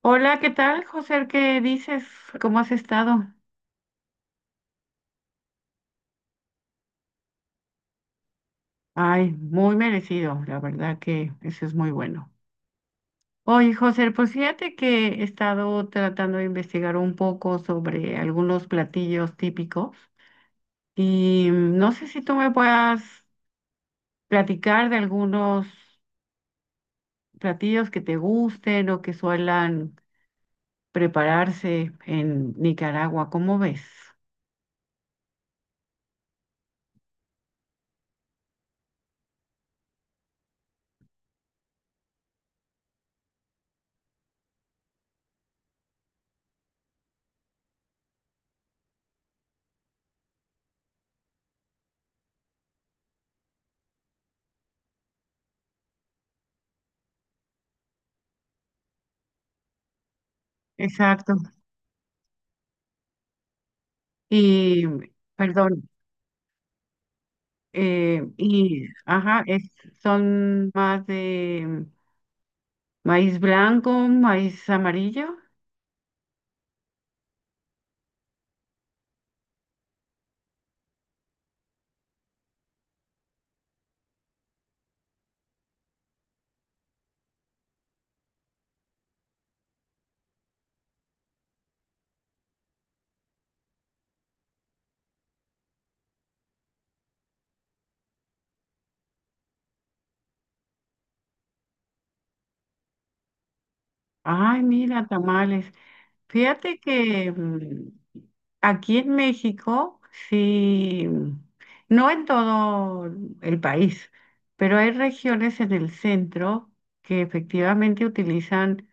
Hola, ¿qué tal, José? ¿Qué dices? ¿Cómo has estado? Ay, muy merecido, la verdad que eso es muy bueno. Oye, José, pues fíjate que he estado tratando de investigar un poco sobre algunos platillos típicos y no sé si tú me puedas platicar de algunos platillos que te gusten o que suelan prepararse en Nicaragua, ¿cómo ves? Exacto. Y, perdón. Y, ajá, es, son más de maíz blanco, maíz amarillo. Ay, mira, tamales. Fíjate que aquí en México, sí, no en todo el país, pero hay regiones en el centro que efectivamente utilizan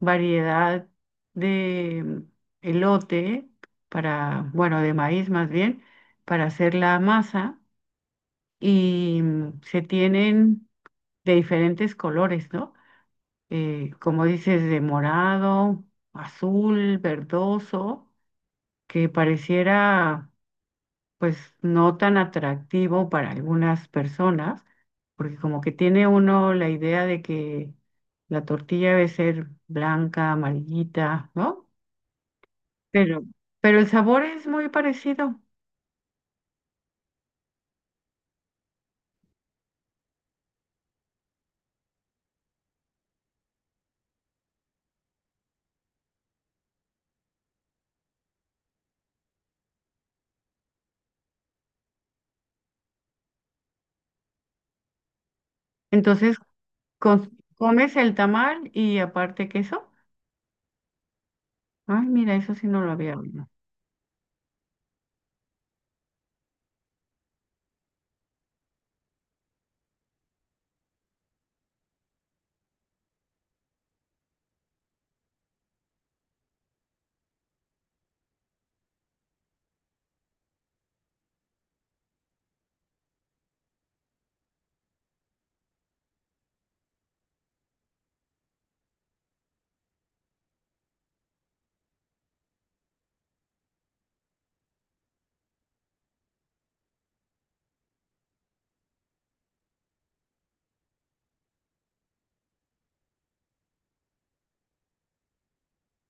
variedad de elote para, bueno, de maíz más bien, para hacer la masa. Y se tienen de diferentes colores, ¿no? Como dices, de morado, azul, verdoso, que pareciera pues no tan atractivo para algunas personas, porque como que tiene uno la idea de que la tortilla debe ser blanca, amarillita, ¿no? Pero, pero el sabor es muy parecido. Entonces, cons- comes el tamal y aparte queso. Ay, mira, eso sí no lo había oído.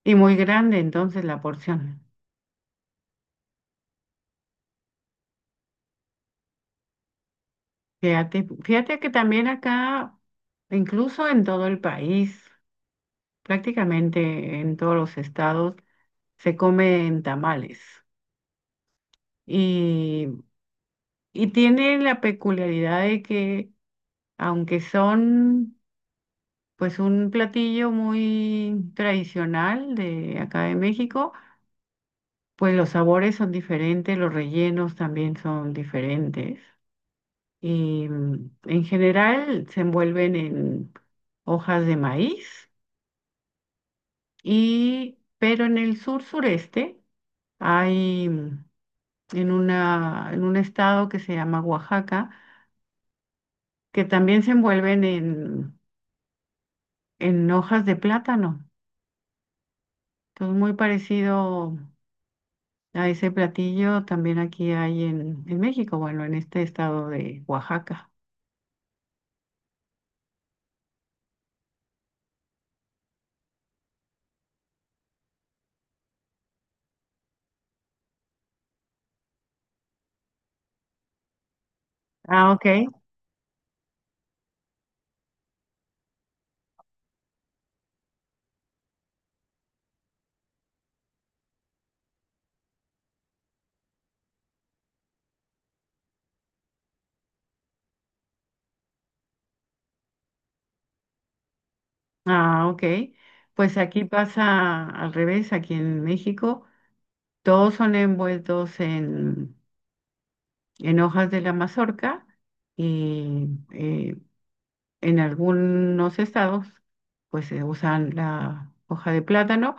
Y muy grande entonces la porción. Fíjate que también acá, incluso en todo el país, prácticamente en todos los estados, se comen tamales. Y, y tiene la peculiaridad de que, aunque son pues un platillo muy tradicional de acá de México, pues los sabores son diferentes, los rellenos también son diferentes. Y en general se envuelven en hojas de maíz y pero en el sur sureste hay en una en un estado que se llama Oaxaca que también se envuelven en hojas de plátano. Entonces muy parecido a ese platillo también aquí hay en México, bueno, en este estado de Oaxaca. Ah, ok. Ah, ok. Pues aquí pasa al revés, aquí en México todos son envueltos en hojas de la mazorca y eh, en algunos estados pues se usan la hoja de plátano.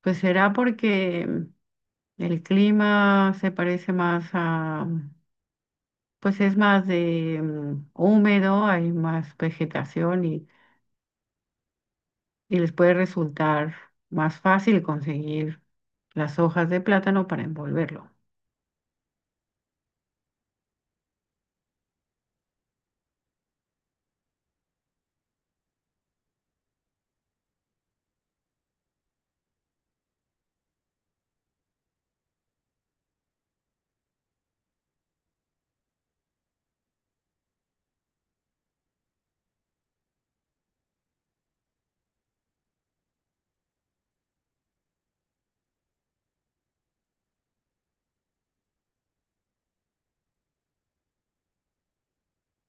Pues será porque el clima se parece más a, pues es más de húmedo, hay más vegetación y les puede resultar más fácil conseguir las hojas de plátano para envolverlo.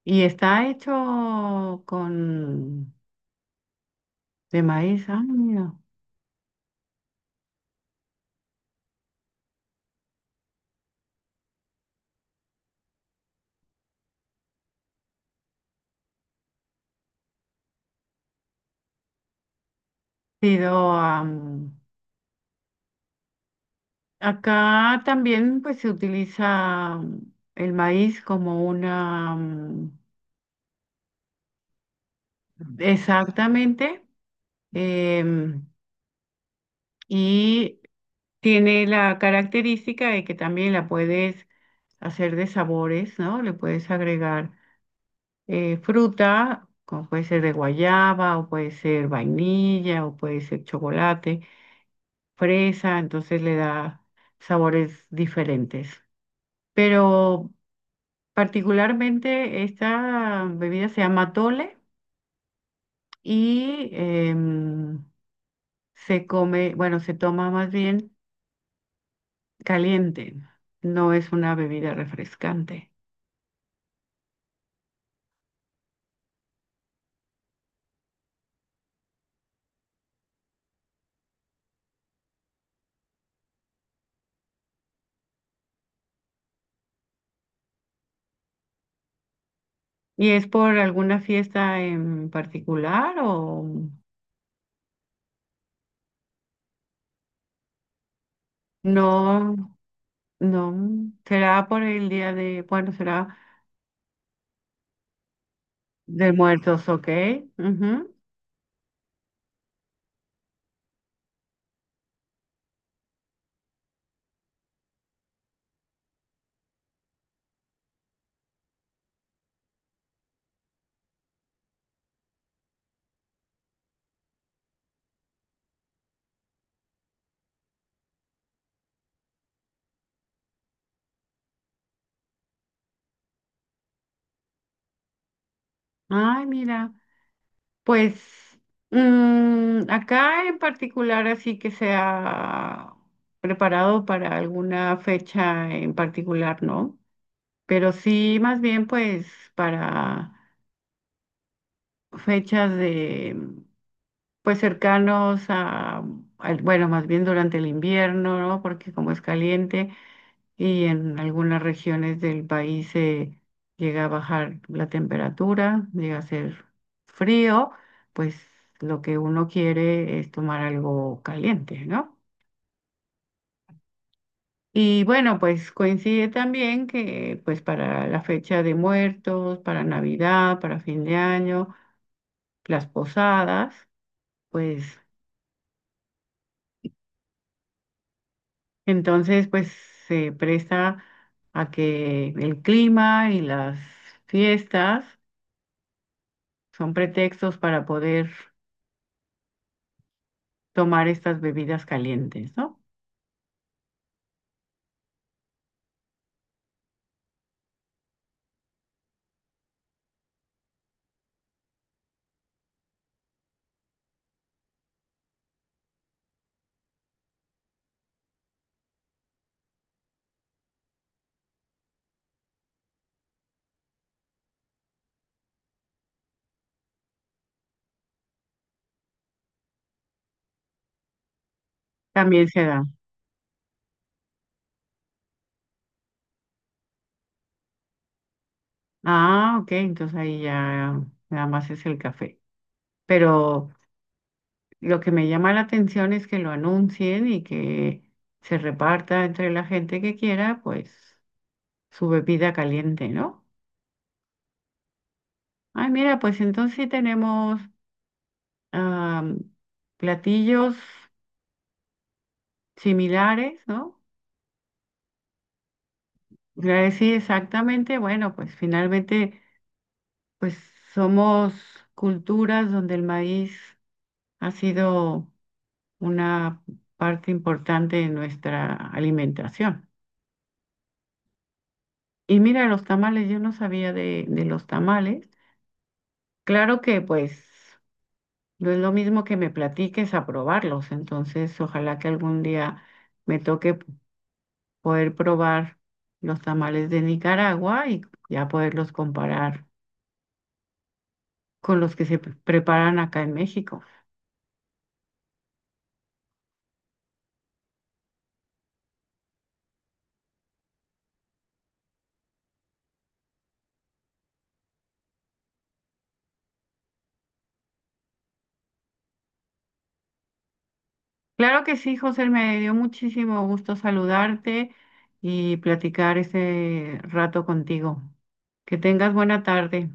Y está hecho con de maíz, ah, mira. Pero acá también pues se utiliza el maíz como una... exactamente. em, y tiene la característica de que también la puedes hacer de sabores, ¿no? Le puedes agregar fruta, como puede ser de guayaba, o puede ser vainilla, o puede ser chocolate, fresa, entonces le da sabores diferentes. Pero particularmente esta bebida se llama tole y se come, bueno, se toma más bien caliente, no es una bebida refrescante. ¿Y es por alguna fiesta en particular o no? No, será por el día de, bueno, será de muertos, ¿ok? Ujú. Ay, mira. Pues acá en particular, así que se ha preparado para alguna fecha en particular, ¿no? Pero sí, más bien, pues para fechas de, pues cercanos a, al- bueno, más bien durante el invierno, ¿no? Porque como es caliente, y en algunas regiones del país llega a bajar la temperatura, llega a ser frío, pues lo que uno quiere es tomar algo caliente, ¿no? Y bueno, pues coincide también que pues para la fecha de muertos, para Navidad, para fin de año, las posadas, pues entonces pues se presta a que el clima y las fiestas son pretextos para poder tomar estas bebidas calientes, ¿no? También se da. Ah, ok, entonces ahí ya nada más es el café. Pero lo que me llama la atención es que lo anuncien y que se reparta entre la gente que quiera, pues, su bebida caliente, ¿no? Ay, mira, pues entonces sí tenemos am, platillos similares, ¿no? Sí, exactamente. Bueno, pues finalmente, pues somos culturas donde el maíz ha sido una parte importante de nuestra alimentación. Y mira, los tamales, yo no sabía de los tamales. Claro que pues no es lo mismo que me platiques a probarlos, entonces ojalá que algún día me toque poder probar los tamales de Nicaragua y ya poderlos comparar con los que se preparan acá en México. Claro que sí, José, me dio muchísimo gusto saludarte y platicar ese rato contigo. Que tengas buena tarde.